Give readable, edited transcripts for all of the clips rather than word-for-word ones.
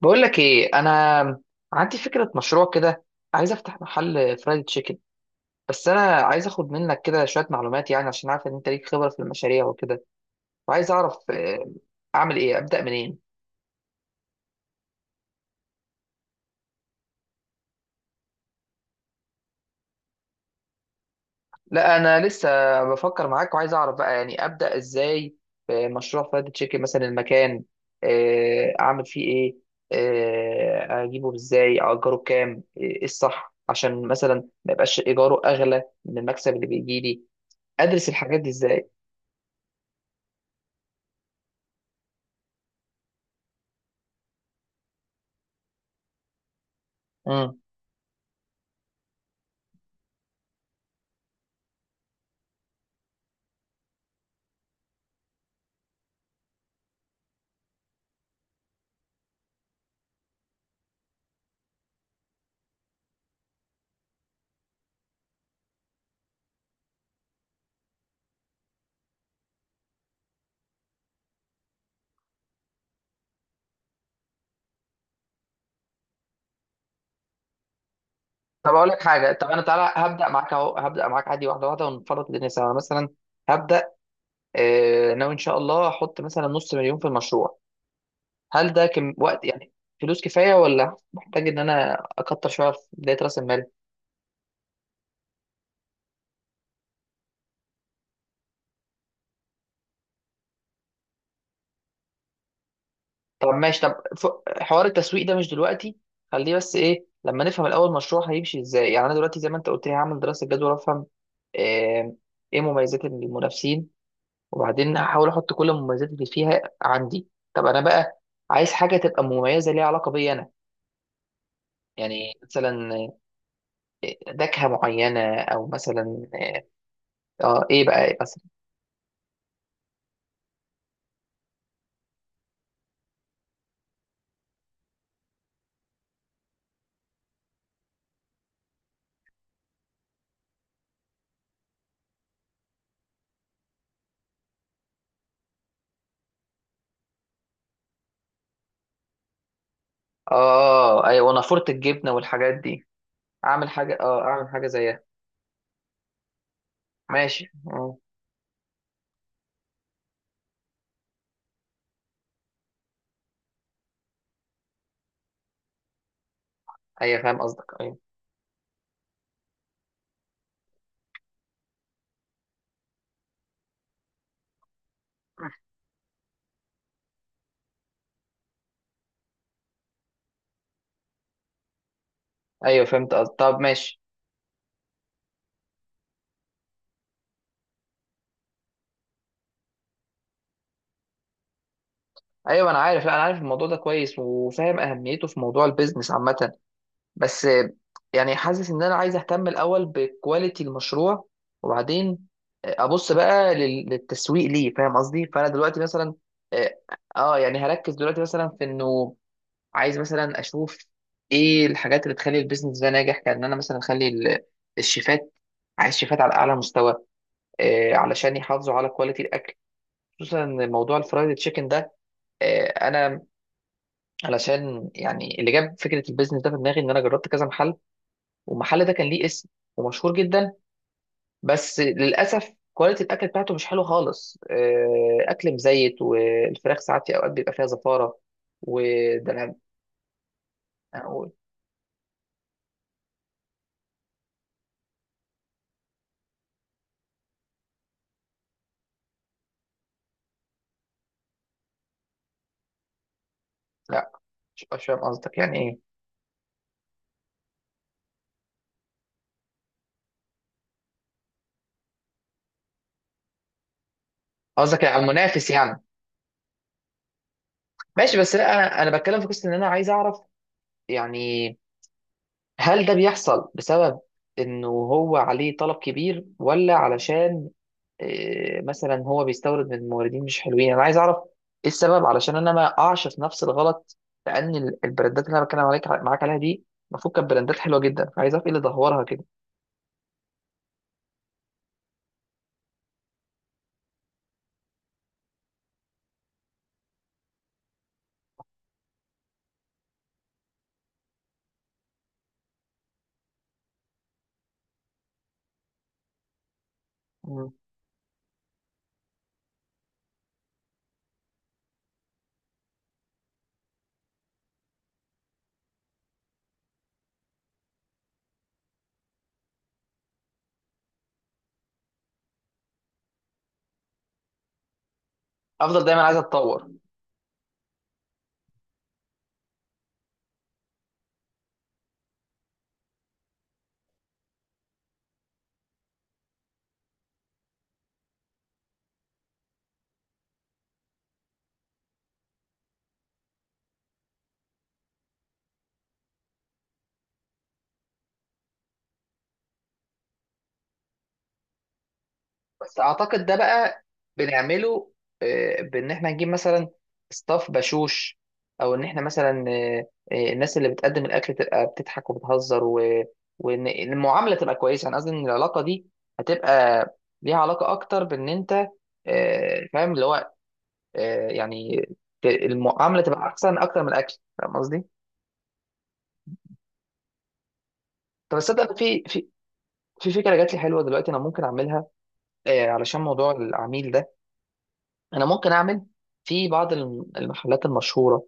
بقول لك ايه، انا عندي فكره مشروع كده. عايز افتح محل فرايد تشيكن. بس انا عايز اخد منك كده شويه معلومات، يعني عشان عارف ان انت ليك خبره في المشاريع وكده. وعايز اعرف اعمل ايه، ابدا منين. لا انا لسه بفكر معاك، وعايز اعرف بقى يعني ابدا ازاي في مشروع فرايد تشيكن. مثلا المكان، اعمل فيه ايه، اجيبه ازاي، اجره بكام، ايه الصح، عشان مثلا ما يبقاش ايجاره اغلى من المكسب اللي بيجي لي. ادرس الحاجات دي ازاي؟ طب اقول لك حاجه، طب انا تعالى هبدا معاك اهو، هبدا معاك عادي واحده واحده ونفرط الدنيا سوا. أنا مثلا هبدا، ناوي ان شاء الله احط مثلا نص مليون في المشروع. هل ده كم وقت يعني؟ فلوس كفايه، ولا محتاج ان انا اكتر شويه في بدايه راس المال؟ طب ماشي، طب حوار التسويق ده مش دلوقتي. خليه، بس ايه، لما نفهم الاول المشروع هيمشي ازاي. يعني انا دلوقتي زي ما انت قلت لي هعمل دراسه جدوى، وافهم آه، ايه مميزات المنافسين، وبعدين هحاول احط كل المميزات اللي فيها عندي. طب انا بقى عايز حاجه تبقى مميزه، ليها علاقه بيا انا. يعني مثلا نكهه معينه، او مثلا اه، ايه بقى، إيه مثلا. اه ايوه، نافوره الجبنه والحاجات دي. اعمل حاجه، اه اعمل حاجه زيها. ماشي، اه. ايوه فاهم قصدك، ايوه. ايوه فهمت قصدك، طب ماشي. ايوه انا عارف، لا انا عارف الموضوع ده كويس، وفاهم اهميته في موضوع البيزنس عامه. بس يعني حاسس ان انا عايز اهتم الاول بكواليتي المشروع، وبعدين ابص بقى للتسويق. ليه؟ فاهم قصدي. فانا دلوقتي مثلا، اه، يعني هركز دلوقتي مثلا في انه عايز مثلا اشوف ايه الحاجات اللي تخلي البيزنس ده ناجح. كان انا مثلا اخلي الشيفات، عايز شيفات على اعلى مستوى علشان يحافظوا على كواليتي الاكل، خصوصا موضوع الفرايد تشيكن ده. انا، علشان يعني اللي جاب فكره البيزنس ده في دماغي ان انا جربت كذا محل، والمحل ده كان ليه اسم، ومشهور جدا. بس للاسف كواليتي الاكل بتاعته مش حلو خالص، اكل مزيت، والفراخ ساعات في اوقات بيبقى فيها زفاره. وده انا، أنا اقول. لا مش فاهم قصدك يعني ايه. قصدك على المنافس يعني؟ ماشي، بس لا انا بتكلم في قصه، ان انا عايز اعرف، يعني هل ده بيحصل بسبب انه هو عليه طلب كبير، ولا علشان مثلا هو بيستورد من موردين مش حلوين. انا عايز اعرف ايه السبب، علشان انا ما اقعش في نفس الغلط، لان البراندات اللي انا بتكلم عليك معاك عليها دي المفروض كانت براندات حلوه جدا. عايز اعرف ايه اللي دهورها كده. مم. افضل دايما، عايز اتطور. بس اعتقد ده بقى بنعمله، بان احنا نجيب مثلا ستاف بشوش، او ان احنا مثلا الناس اللي بتقدم الاكل تبقى بتضحك وبتهزر وان المعامله تبقى كويسه. انا قصدي ان العلاقه دي هتبقى ليها علاقه اكتر بان انت فاهم، اللي هو يعني المعامله تبقى احسن اكتر من الاكل. فاهم قصدي؟ طب تصدق إن في فكره جات لي حلوه دلوقتي، انا ممكن اعملها علشان موضوع العميل ده. انا ممكن اعمل في بعض المحلات المشهوره،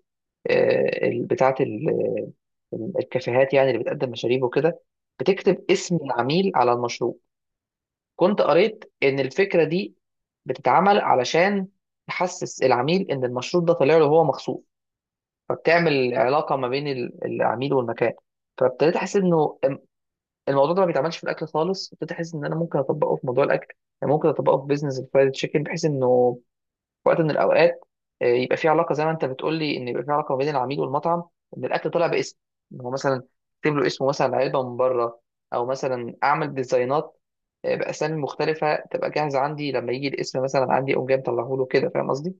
بتاعه الكافيهات يعني، اللي بتقدم مشاريب وكده، بتكتب اسم العميل على المشروب. كنت قريت ان الفكره دي بتتعمل علشان تحسس العميل ان المشروب ده طالع له هو مخصوص، فبتعمل علاقه ما بين العميل والمكان. فابتديت احس انه الموضوع ده ما بيتعملش في الاكل خالص، ابتديت احس ان انا ممكن اطبقه في موضوع الاكل. يعني ممكن اطبقه في بيزنس الفرايد تشيكن، بحيث انه وقت من الاوقات يبقى في علاقه زي ما انت بتقول لي، ان يبقى في علاقه ما بين العميل والمطعم. ان الاكل طلع باسم، ان هو مثلا اكتب له اسمه مثلا علبه من بره، او مثلا اعمل ديزاينات باسامي مختلفه تبقى جاهزه عندي، لما يجي الاسم مثلا عندي اقوم جاي مطلعه له كده. فاهم قصدي؟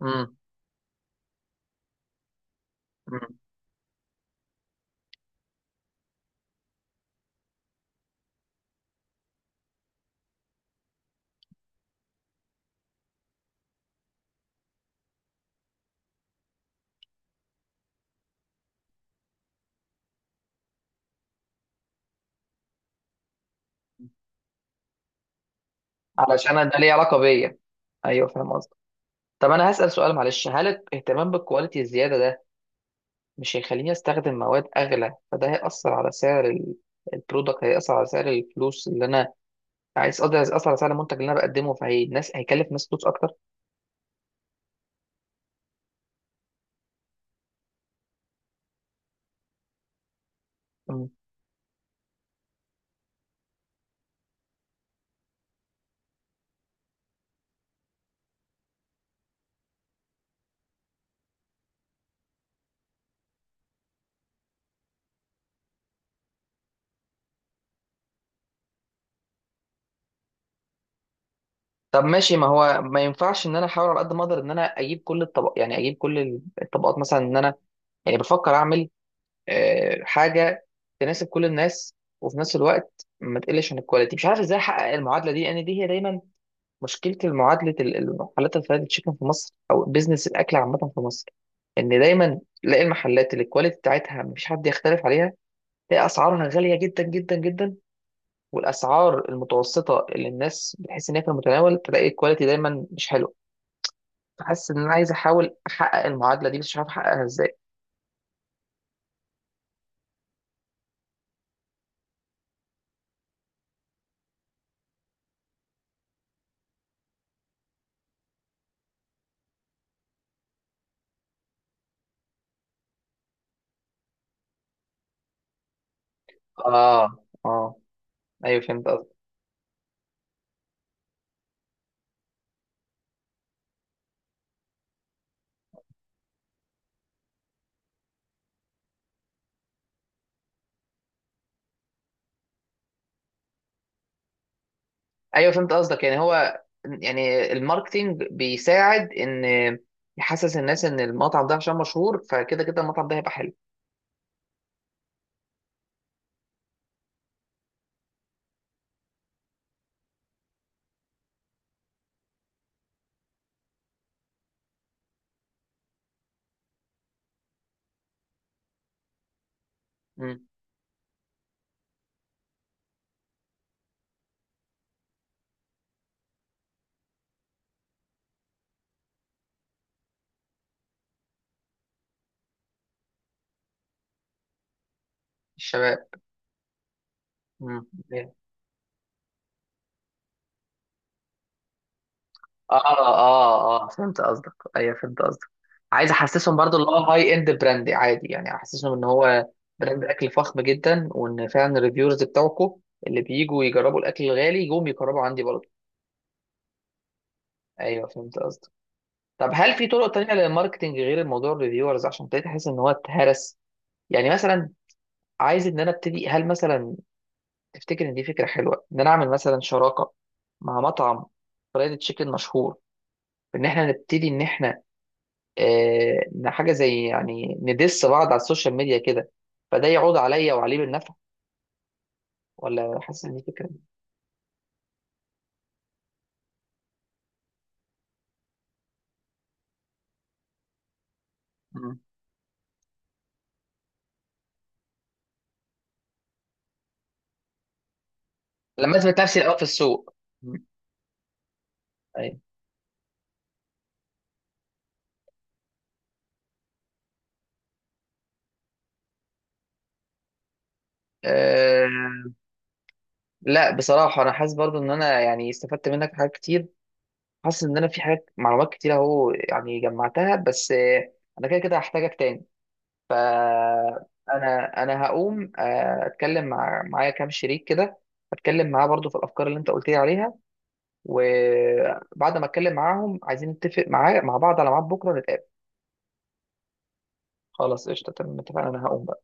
امم. علشان أنا ده ليه علاقه بيا. ايوه فاهم قصدك. طب انا هسأل سؤال، معلش، هل الاهتمام بالكواليتي الزياده ده مش هيخليني استخدم مواد اغلى، فده هيأثر على سعر البرودكت، هيأثر على سعر الفلوس اللي انا عايز اقدر اثر على سعر المنتج اللي انا بقدمه، فهي الناس هيكلف ناس فلوس اكتر. مم. طب ماشي، ما هو ما ينفعش ان انا احاول على قد ما اقدر ان انا اجيب كل الطبق، يعني اجيب كل الطبقات؟ مثلا ان انا، يعني بفكر اعمل حاجه تناسب كل الناس، وفي نفس الوقت ما تقلش عن الكواليتي. مش عارف ازاي احقق المعادله دي، لان دي هي دايما مشكله المعادله، المحلات الفرايد تشيكن في مصر، او بيزنس الاكل عامه في مصر. ان دايما تلاقي المحلات اللي الكواليتي بتاعتها مفيش حد يختلف عليها، تلاقي اسعارها غاليه جدا جدا جدا. والاسعار المتوسطه اللي الناس بتحس ان هي في المتناول، تلاقي الكواليتي دايما مش حلو. فحاسس ان انا عايز احاول احقق المعادله دي، بس مش عارف احققها ازاي. اه، اه. ايوه فهمت قصدك، ايوه فهمت قصدك. يعني هو، يعني الماركتينج بيساعد ان يحسس الناس ان المطعم ده عشان مشهور، فكده كده المطعم ده هيبقى حلو. امم. الشباب. امم. اه اه اه فهمت قصدك، ايوه فهمت قصدك. عايز احسسهم برضو، اللي هو هاي اند براند عادي، يعني احسسهم ان هو براند اكل فخم جدا، وان فعلا الريفيورز بتوعكم اللي بيجوا يجربوا الاكل الغالي يجوا يجربوا عندي برضو. ايوه فهمت قصدك. طب هل في طرق تانية للماركتنج غير الموضوع الريفيورز؟ عشان ابتديت احس ان هو اتهرس. يعني مثلا عايز ان انا ابتدي، هل مثلا تفتكر ان دي فكرة حلوة ان انا اعمل مثلا شراكة مع مطعم فرايد تشيكن مشهور، ان احنا نبتدي ان احنا إن حاجة زي يعني ندس بعض على السوشيال ميديا كده، فده يعود عليا وعليه بالنفع؟ ولا حاسس إن دي فكرة. مم. لما أثبت نفسي الأول في السوق. مم. أيوة. أه. لا بصراحة أنا حاسس برضو إن أنا يعني استفدت منك حاجات كتير. حاسس إن أنا في حاجات، معلومات كتير أهو يعني جمعتها، بس أنا كده كده هحتاجك تاني. فأنا أنا انا هقوم أتكلم معايا كام شريك كده، أتكلم معاه برضو في الأفكار اللي أنت قلت لي عليها. وبعد ما اتكلم معاهم عايزين نتفق معاه مع بعض على ميعاد بكره نتقابل. خلاص قشطه، تمام اتفقنا، انا هقوم بقى.